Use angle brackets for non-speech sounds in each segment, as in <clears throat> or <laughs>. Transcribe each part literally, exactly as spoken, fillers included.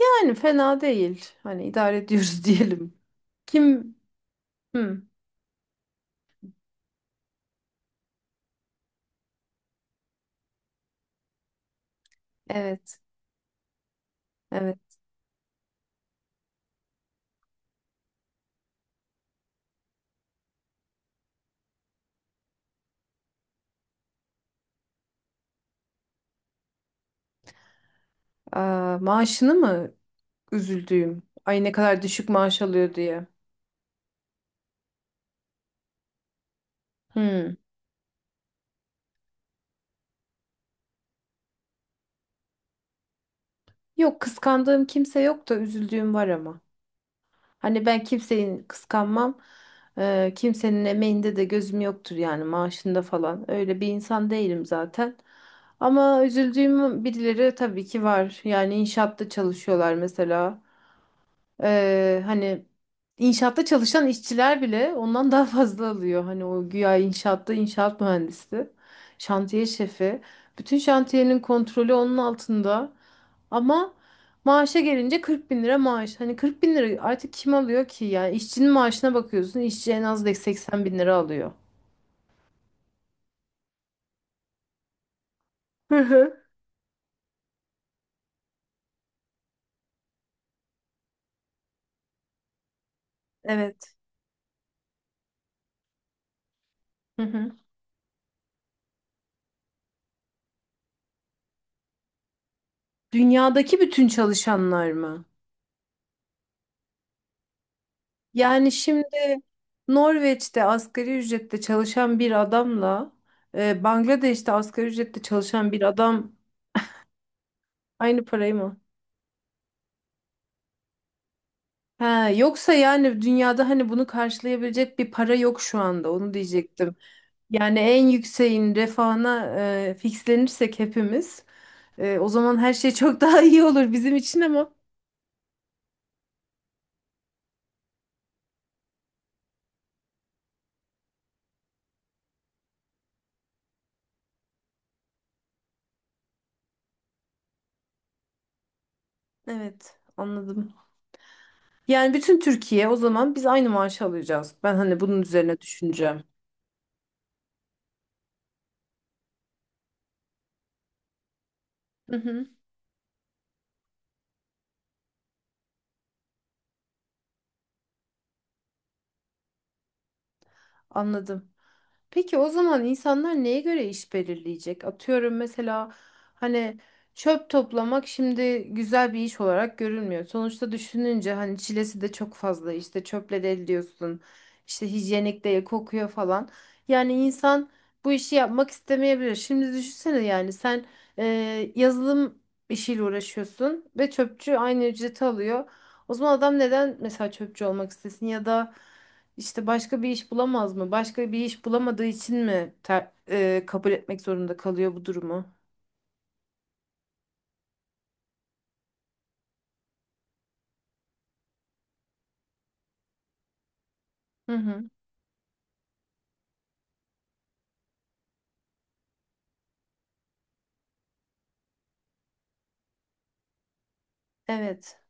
Yani fena değil. Hani idare ediyoruz <laughs> diyelim. Kim? Hı, evet, evet. Aa, maaşını mı üzüldüğüm? Ay ne kadar düşük maaş alıyor diye. Hı. Yok kıskandığım kimse yok da üzüldüğüm var ama. Hani ben kimseyi kıskanmam. Ee, kimsenin emeğinde de gözüm yoktur yani maaşında falan. Öyle bir insan değilim zaten. Ama üzüldüğüm birileri tabii ki var. Yani inşaatta çalışıyorlar mesela. Ee, hani inşaatta çalışan işçiler bile ondan daha fazla alıyor. Hani o güya inşaatta inşaat mühendisi, şantiye şefi. Bütün şantiyenin kontrolü onun altında. Ama maaşa gelince kırk bin lira maaş. Hani kırk bin lira artık kim alıyor ki? Yani işçinin maaşına bakıyorsun. İşçi en az da seksen bin lira alıyor. Hı hı. Evet. Hı hı. Dünyadaki bütün çalışanlar mı? Yani şimdi Norveç'te asgari ücrette çalışan bir adamla e, Bangladeş'te asgari ücrette çalışan bir adam aynı parayı mı? Ha, yoksa yani dünyada hani bunu karşılayabilecek bir para yok şu anda onu diyecektim. Yani en yükseğin refahına e, fixlenirsek hepimiz, e, o zaman her şey <laughs> çok daha iyi olur bizim için ama evet, anladım. Yani bütün Türkiye o zaman biz aynı maaşı alacağız. Ben hani bunun üzerine düşüneceğim. Hı hı, anladım. Peki o zaman insanlar neye göre iş belirleyecek? Atıyorum mesela hani çöp toplamak şimdi güzel bir iş olarak görülmüyor. Sonuçta düşününce hani çilesi de çok fazla, işte çöple de ediyorsun. İşte hijyenik değil, kokuyor falan. Yani insan bu işi yapmak istemeyebilir. Şimdi düşünsene, yani sen e, yazılım işiyle uğraşıyorsun ve çöpçü aynı ücreti alıyor. O zaman adam neden mesela çöpçü olmak istesin ya da işte başka bir iş bulamaz mı? Başka bir iş bulamadığı için mi ter- e, kabul etmek zorunda kalıyor bu durumu? Hı hı. Evet.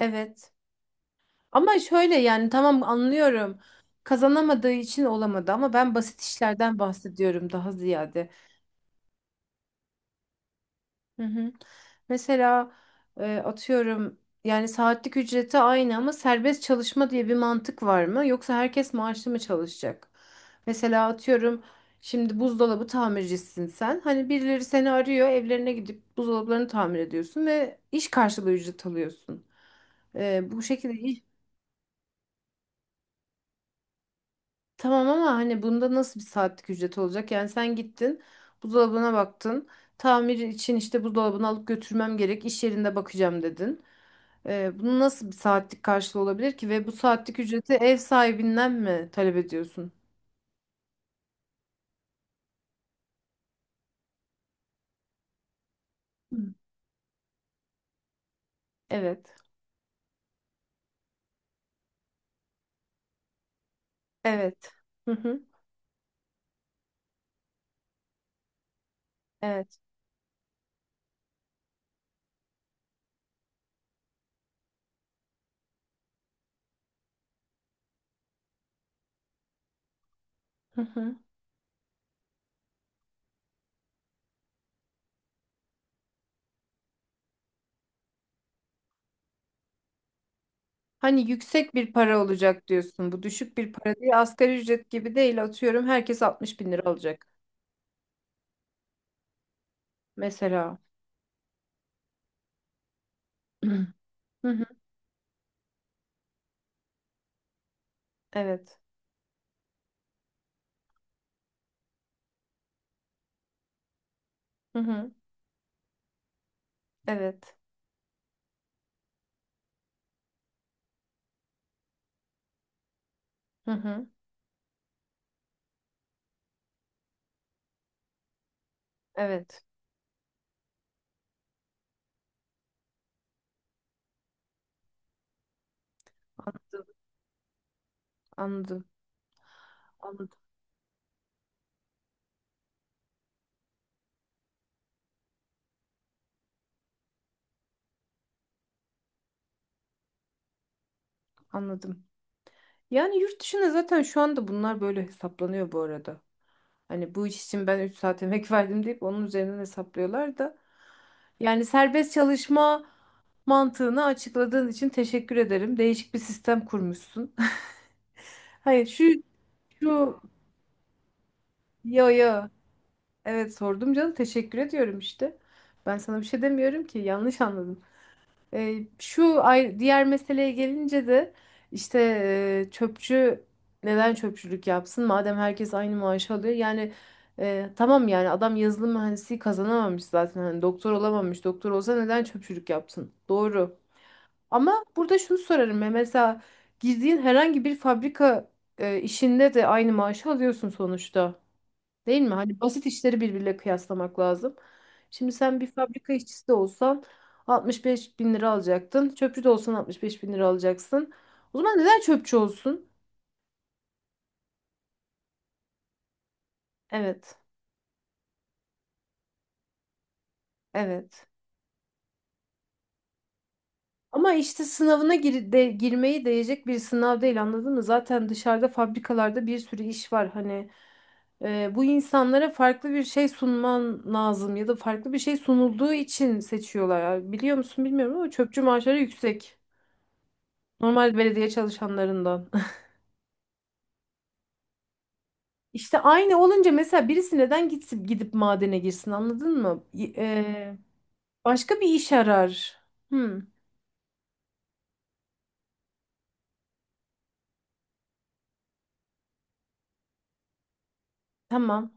Evet. Ama şöyle, yani tamam, anlıyorum. Kazanamadığı için olamadı, ama ben basit işlerden bahsediyorum daha ziyade. Hı hı. Mesela e, atıyorum, yani saatlik ücreti aynı ama serbest çalışma diye bir mantık var mı? Yoksa herkes maaşlı mı çalışacak? Mesela atıyorum şimdi buzdolabı tamircisisin sen. Hani birileri seni arıyor, evlerine gidip buzdolaplarını tamir ediyorsun ve iş karşılığı ücret alıyorsun. E, bu şekilde iş tamam, ama hani bunda nasıl bir saatlik ücret olacak? Yani sen gittin, buzdolabına baktın. Tamir için işte buzdolabını alıp götürmem gerek, iş yerinde bakacağım, dedin. Ee, bunun nasıl bir saatlik karşılığı olabilir ki, ve bu saatlik ücreti ev sahibinden mi talep ediyorsun? Hı. Evet. Evet. Hı hı. Evet. Hı hı. Hani yüksek bir para olacak diyorsun. Bu düşük bir para değil. Asgari ücret gibi değil. Atıyorum herkes altmış bin lira alacak. Mesela. <clears throat> Hı hı. Evet. Hı hı. Evet. Hı hı. Evet. Anladım. Anladım. Anladım. Anladım. Yani yurt dışında zaten şu anda bunlar böyle hesaplanıyor bu arada. Hani bu iş için ben üç saat emek <laughs> verdim deyip onun üzerinden hesaplıyorlar da. Yani serbest çalışma mantığını açıkladığın için teşekkür ederim. Değişik bir sistem kurmuşsun. <laughs> Hayır, şu şu yo, yo. Evet, sordum canım. Teşekkür ediyorum işte. Ben sana bir şey demiyorum ki. Yanlış anladın. E, şu ay- diğer meseleye gelince de işte, e, çöpçü neden çöpçülük yapsın madem herkes aynı maaşı alıyor, yani e, tamam, yani adam yazılım mühendisliği kazanamamış zaten, hani doktor olamamış, doktor olsa neden çöpçülük yapsın, doğru. Ama burada şunu sorarım ya, mesela girdiğin herhangi bir fabrika e, işinde de aynı maaşı alıyorsun sonuçta. Değil mi? Hani basit işleri birbiriyle kıyaslamak lazım. Şimdi sen bir fabrika işçisi de olsan altmış beş bin lira alacaktın. Çöpçü de olsan altmış beş bin lira alacaksın. O zaman neden çöpçü olsun? Evet, evet. Ama işte sınavına gir de, girmeyi değecek bir sınav değil, anladın mı? Zaten dışarıda fabrikalarda bir sürü iş var. Hani e, bu insanlara farklı bir şey sunman lazım, ya da farklı bir şey sunulduğu için seçiyorlar. Yani biliyor musun bilmiyorum, ama çöpçü maaşları yüksek. Normal belediye çalışanlarından. İşte aynı olunca mesela birisi neden gitsin, gidip madene girsin, anladın mı? Y- eee, başka bir iş arar. Hmm, tamam.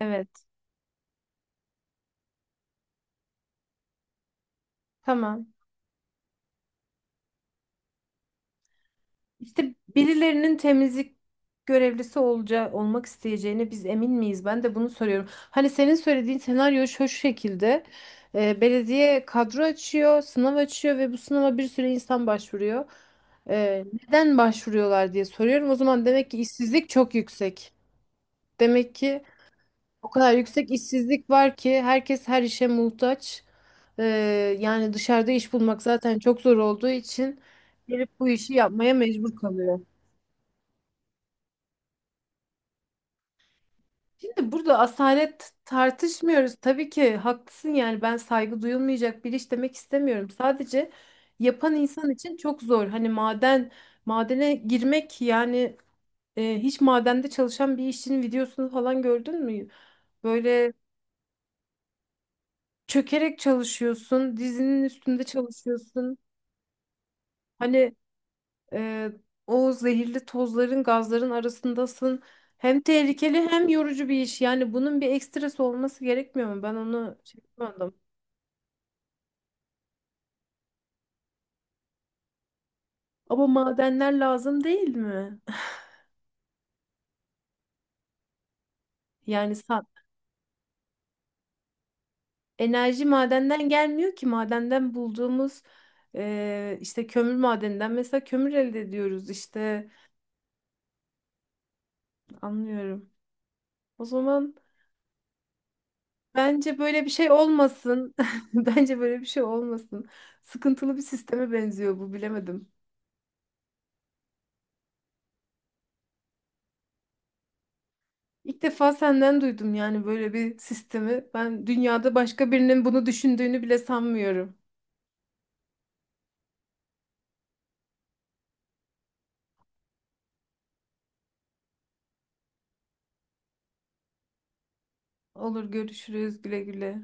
Evet. Tamam. İşte birilerinin temizlik görevlisi olacağı, olmak isteyeceğine biz emin miyiz? Ben de bunu soruyorum. Hani senin söylediğin senaryo şu şekilde. Eee, belediye kadro açıyor, sınav açıyor ve bu sınava bir sürü insan başvuruyor. Eee, neden başvuruyorlar diye soruyorum. O zaman demek ki işsizlik çok yüksek. Demek ki o kadar yüksek işsizlik var ki herkes her işe muhtaç. Ee, Yani dışarıda iş bulmak zaten çok zor olduğu için gelip bu işi yapmaya mecbur kalıyor. Şimdi burada asalet tartışmıyoruz. Tabii ki haklısın, yani ben saygı duyulmayacak bir iş demek istemiyorum. Sadece yapan insan için çok zor. Hani maden, madene girmek, yani e, hiç madende çalışan bir işçinin videosunu falan gördün mü? Böyle çökerek çalışıyorsun, dizinin üstünde çalışıyorsun. Hani e, o zehirli tozların, gazların arasındasın. Hem tehlikeli hem yorucu bir iş. Yani bunun bir ekstrası olması gerekmiyor mu? Ben onu çekmedim. Ama madenler lazım değil mi? <laughs> Yani sa- enerji madenden gelmiyor ki. Madenden bulduğumuz e, işte kömür madeninden mesela kömür elde ediyoruz işte. Anlıyorum. O zaman bence böyle bir şey olmasın. <laughs> Bence böyle bir şey olmasın. Sıkıntılı bir sisteme benziyor bu, bilemedim. İlk defa senden duydum yani böyle bir sistemi. Ben dünyada başka birinin bunu düşündüğünü bile sanmıyorum. Olur, görüşürüz, güle güle.